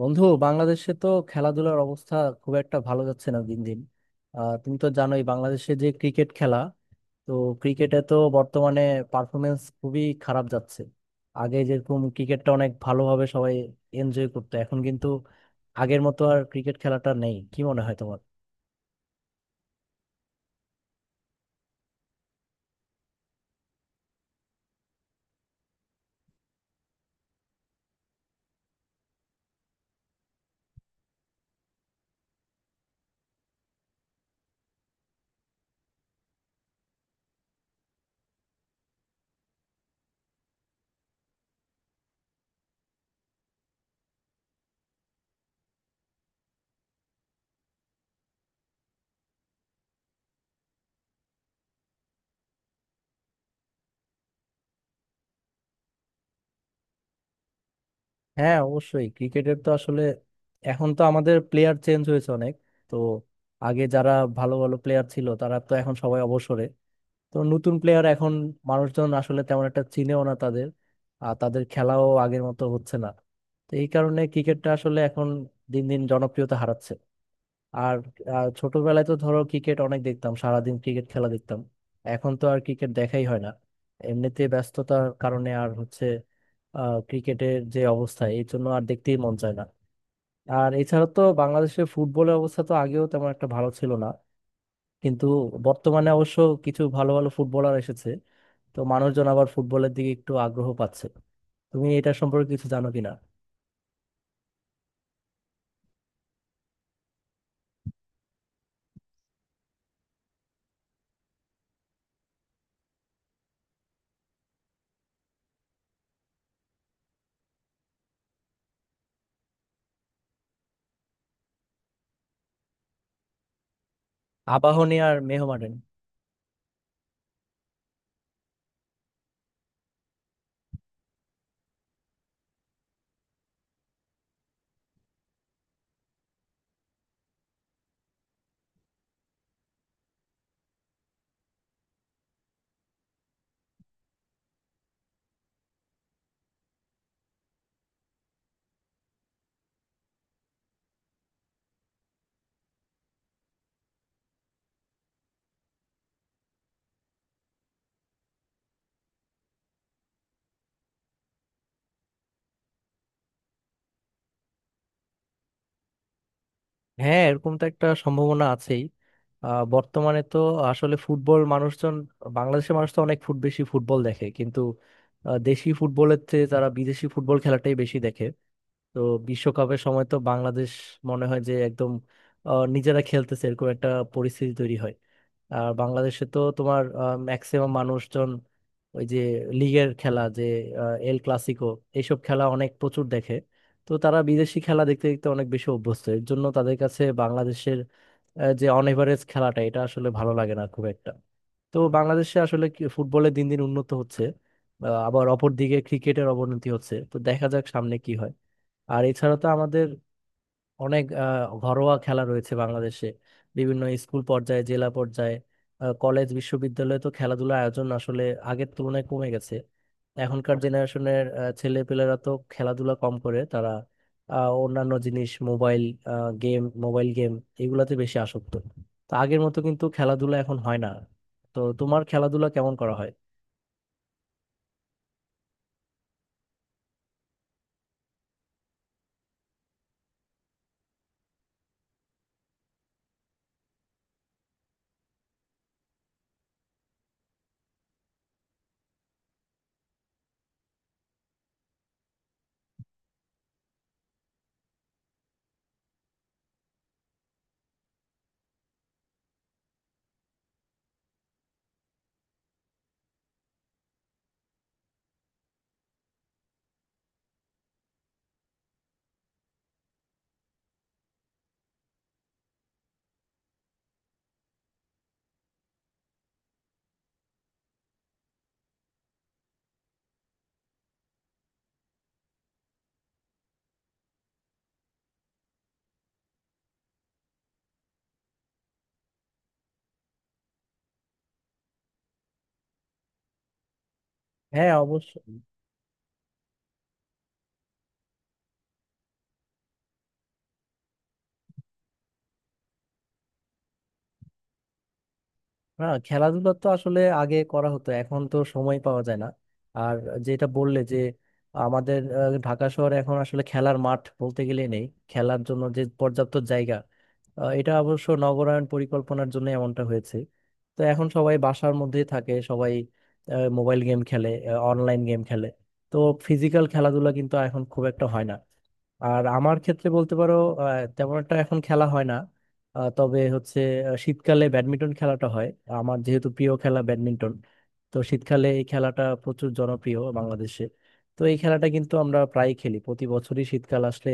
বন্ধু, বাংলাদেশে তো খেলাধুলার অবস্থা খুব একটা ভালো যাচ্ছে না দিন দিন। তুমি তো জানোই বাংলাদেশে যে ক্রিকেট খেলা, তো ক্রিকেটে তো বর্তমানে পারফরমেন্স খুবই খারাপ যাচ্ছে। আগে যেরকম ক্রিকেটটা অনেক ভালোভাবে সবাই এনজয় করতো, এখন কিন্তু আগের মতো আর ক্রিকেট খেলাটা নেই। কি মনে হয় তোমার? হ্যাঁ অবশ্যই। ক্রিকেটের তো আসলে এখন তো আমাদের প্লেয়ার চেঞ্জ হয়েছে অনেক, তো আগে যারা ভালো ভালো প্লেয়ার ছিল তারা তো এখন সবাই অবসরে। তো নতুন প্লেয়ার এখন মানুষজন আসলে তেমন একটা চিনেও না তাদের, আর তাদের খেলাও আগের মতো হচ্ছে না। তো এই কারণে ক্রিকেটটা আসলে এখন দিন দিন জনপ্রিয়তা হারাচ্ছে। আর ছোটবেলায় তো ধরো ক্রিকেট অনেক দেখতাম, সারাদিন ক্রিকেট খেলা দেখতাম। এখন তো আর ক্রিকেট দেখাই হয় না, এমনিতে ব্যস্ততার কারণে আর হচ্ছে। ক্রিকেটের যে অবস্থা এই জন্য আর দেখতেই মন চায় না। আর এছাড়া তো বাংলাদেশের ফুটবলের অবস্থা তো আগেও তেমন একটা ভালো ছিল না, কিন্তু বর্তমানে অবশ্য কিছু ভালো ভালো ফুটবলার এসেছে। তো মানুষজন আবার ফুটবলের দিকে একটু আগ্রহ পাচ্ছে। তুমি এটা সম্পর্কে কিছু জানো কিনা? আবাহনী আর মোহামেডান। হ্যাঁ, এরকম তো একটা সম্ভাবনা আছেই। বর্তমানে তো আসলে ফুটবল মানুষজন, বাংলাদেশের মানুষ তো অনেক বেশি ফুটবল দেখে, কিন্তু দেশি ফুটবলের চেয়ে তারা বিদেশি ফুটবল খেলাটাই বেশি দেখে। তো বিশ্বকাপের সময় তো বাংলাদেশ মনে হয় যে একদম নিজেরা খেলতেছে এরকম একটা পরিস্থিতি তৈরি হয়। আর বাংলাদেশে তো তোমার ম্যাক্সিমাম মানুষজন ওই যে লিগের খেলা যে এল ক্লাসিকো, এইসব খেলা অনেক প্রচুর দেখে। তো তারা বিদেশি খেলা দেখতে দেখতে অনেক বেশি অভ্যস্ত, এর জন্য তাদের কাছে বাংলাদেশের যে অন এভারেজ খেলাটা, এটা আসলে ভালো লাগে না খুব একটা। তো বাংলাদেশে আসলে ফুটবলে দিন দিন উন্নত হচ্ছে, আবার অপর দিকে ক্রিকেটের অবনতি হচ্ছে। তো দেখা যাক সামনে কি হয়। আর এছাড়া তো আমাদের অনেক ঘরোয়া খেলা রয়েছে বাংলাদেশে, বিভিন্ন স্কুল পর্যায়ে, জেলা পর্যায়ে, কলেজ বিশ্ববিদ্যালয়ে তো খেলাধুলার আয়োজন আসলে আগের তুলনায় কমে গেছে। এখনকার জেনারেশনের ছেলে পেলেরা তো খেলাধুলা কম করে, তারা অন্যান্য জিনিস, মোবাইল গেম, এগুলাতে বেশি আসক্ত। তো আগের মতো কিন্তু খেলাধুলা এখন হয় না। তো তোমার খেলাধুলা কেমন করা হয়? হ্যাঁ অবশ্যই। না, খেলাধুলা তো আসলে আগে করা হতো, এখন তো সময় পাওয়া যায় না। আর যেটা বললে যে আমাদের ঢাকা শহরে এখন আসলে খেলার মাঠ বলতে গেলে নেই, খেলার জন্য যে পর্যাপ্ত জায়গা, এটা অবশ্য নগরায়ণ পরিকল্পনার জন্য এমনটা হয়েছে। তো এখন সবাই বাসার মধ্যেই থাকে, সবাই মোবাইল গেম খেলে, অনলাইন গেম খেলে। তো ফিজিক্যাল খেলাধুলা কিন্তু এখন খুব একটা হয় না। আর আমার ক্ষেত্রে বলতে পারো তেমন একটা এখন খেলা হয় না। তবে হচ্ছে, শীতকালে ব্যাডমিন্টন খেলাটা হয়। আমার যেহেতু প্রিয় খেলা ব্যাডমিন্টন, তো শীতকালে এই খেলাটা প্রচুর জনপ্রিয় বাংলাদেশে। তো এই খেলাটা কিন্তু আমরা প্রায় খেলি, প্রতি বছরই শীতকাল আসলে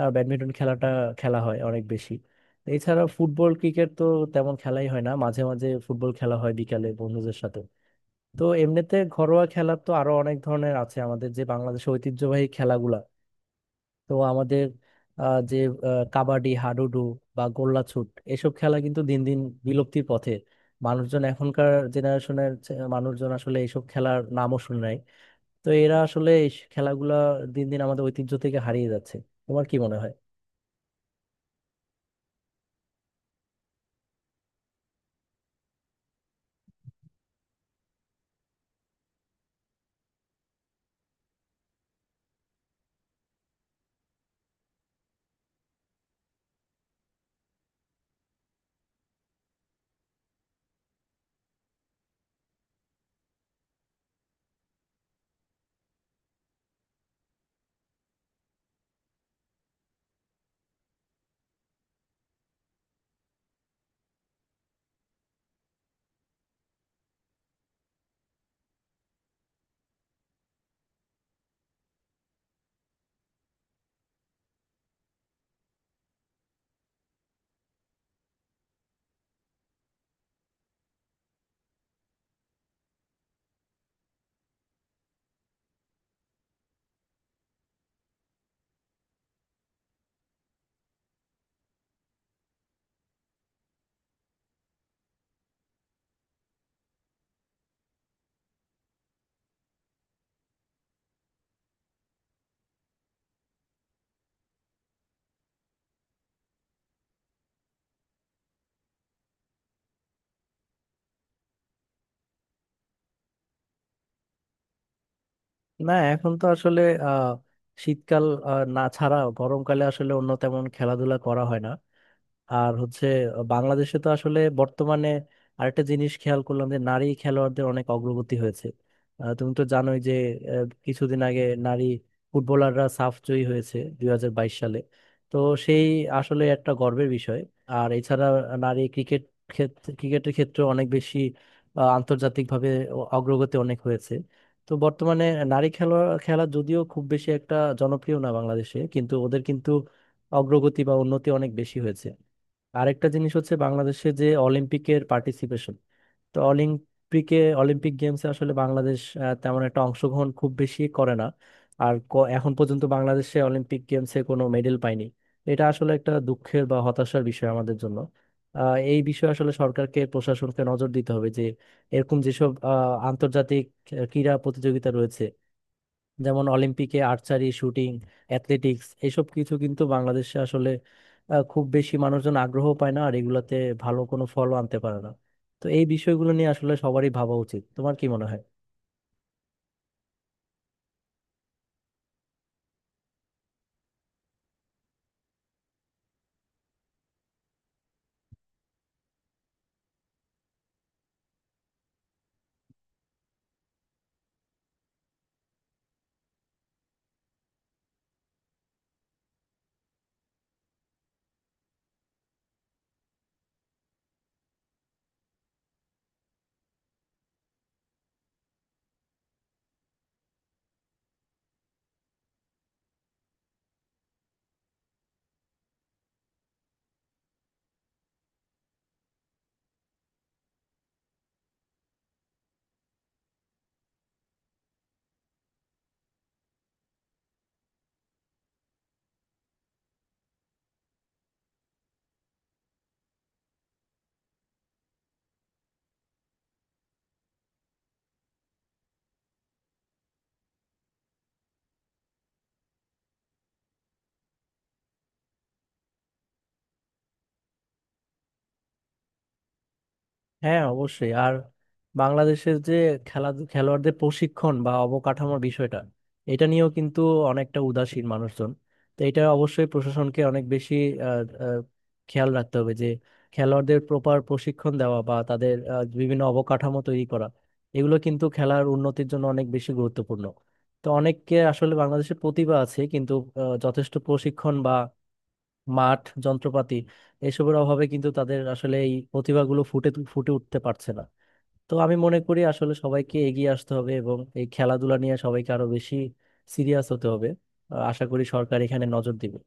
ব্যাডমিন্টন খেলাটা খেলা হয় অনেক বেশি। এছাড়া ফুটবল ক্রিকেট তো তেমন খেলাই হয় না, মাঝে মাঝে ফুটবল খেলা হয় বিকালে বন্ধুদের সাথে। তো এমনিতে ঘরোয়া খেলা তো আরো অনেক ধরনের আছে আমাদের, যে বাংলাদেশের ঐতিহ্যবাহী খেলাগুলা, তো আমাদের আহ, যে কাবাডি, হাডুডু বা গোল্লাছুট, এসব খেলা কিন্তু দিন দিন বিলুপ্তির পথে। মানুষজন, এখনকার জেনারেশনের মানুষজন আসলে এইসব খেলার নামও শুনে নাই। তো এরা আসলে এই খেলাগুলা দিন দিন আমাদের ঐতিহ্য থেকে হারিয়ে যাচ্ছে। তোমার কি মনে হয়? না, এখন তো আসলে আহ শীতকাল না ছাড়া গরমকালে আসলে অন্য তেমন খেলাধুলা করা হয় না। আর হচ্ছে, বাংলাদেশে তো আসলে বর্তমানে আরেকটা জিনিস খেয়াল করলাম যে নারী খেলোয়াড়দের অনেক অগ্রগতি হয়েছে। তুমি তো জানোই যে কিছুদিন আগে নারী ফুটবলাররা সাফ জয়ী হয়েছে 2022 সালে। তো সেই আসলে একটা গর্বের বিষয়। আর এছাড়া নারী ক্রিকেটের ক্ষেত্রে অনেক বেশি আন্তর্জাতিকভাবে অগ্রগতি অনেক হয়েছে। তো বর্তমানে নারী খেলা খেলা যদিও খুব বেশি একটা জনপ্রিয় না বাংলাদেশে, কিন্তু ওদের কিন্তু অগ্রগতি বা উন্নতি অনেক বেশি হয়েছে। আরেকটা জিনিস হচ্ছে বাংলাদেশে যে অলিম্পিকের পার্টিসিপেশন। তো অলিম্পিকে, অলিম্পিক গেমসে আসলে বাংলাদেশ তেমন একটা অংশগ্রহণ খুব বেশি করে না। আর এখন পর্যন্ত বাংলাদেশে অলিম্পিক গেমসে কোনো মেডেল পায়নি। এটা আসলে একটা দুঃখের বা হতাশার বিষয় আমাদের জন্য। এই বিষয়ে আসলে সরকারকে, প্রশাসনকে নজর দিতে হবে যে এরকম যেসব আন্তর্জাতিক ক্রীড়া প্রতিযোগিতা রয়েছে, যেমন অলিম্পিকে আর্চারি, শুটিং, অ্যাথলেটিক্স, এসব কিছু কিন্তু বাংলাদেশে আসলে খুব বেশি মানুষজন আগ্রহ পায় না আর এগুলাতে ভালো কোনো ফলও আনতে পারে না। তো এই বিষয়গুলো নিয়ে আসলে সবারই ভাবা উচিত। তোমার কি মনে হয়? হ্যাঁ অবশ্যই। আর বাংলাদেশের যে খেলা, খেলোয়াড়দের প্রশিক্ষণ বা অবকাঠামোর বিষয়টা, এটা নিয়েও কিন্তু অনেকটা উদাসীন মানুষজন। তো এটা অবশ্যই প্রশাসনকে অনেক বেশি আহ, আহ, খেয়াল রাখতে হবে যে খেলোয়াড়দের প্রপার প্রশিক্ষণ দেওয়া বা তাদের বিভিন্ন অবকাঠামো তৈরি করা, এগুলো কিন্তু খেলার উন্নতির জন্য অনেক বেশি গুরুত্বপূর্ণ। তো অনেককে আসলে, বাংলাদেশের প্রতিভা আছে কিন্তু যথেষ্ট প্রশিক্ষণ বা মাঠ, যন্ত্রপাতি এসবের অভাবে কিন্তু তাদের আসলে এই প্রতিভাগুলো ফুটে ফুটে উঠতে পারছে না। তো আমি মনে করি আসলে সবাইকে এগিয়ে আসতে হবে, এবং এই খেলাধুলা নিয়ে সবাইকে আরো বেশি সিরিয়াস হতে হবে। আশা করি সরকার এখানে নজর দিবে।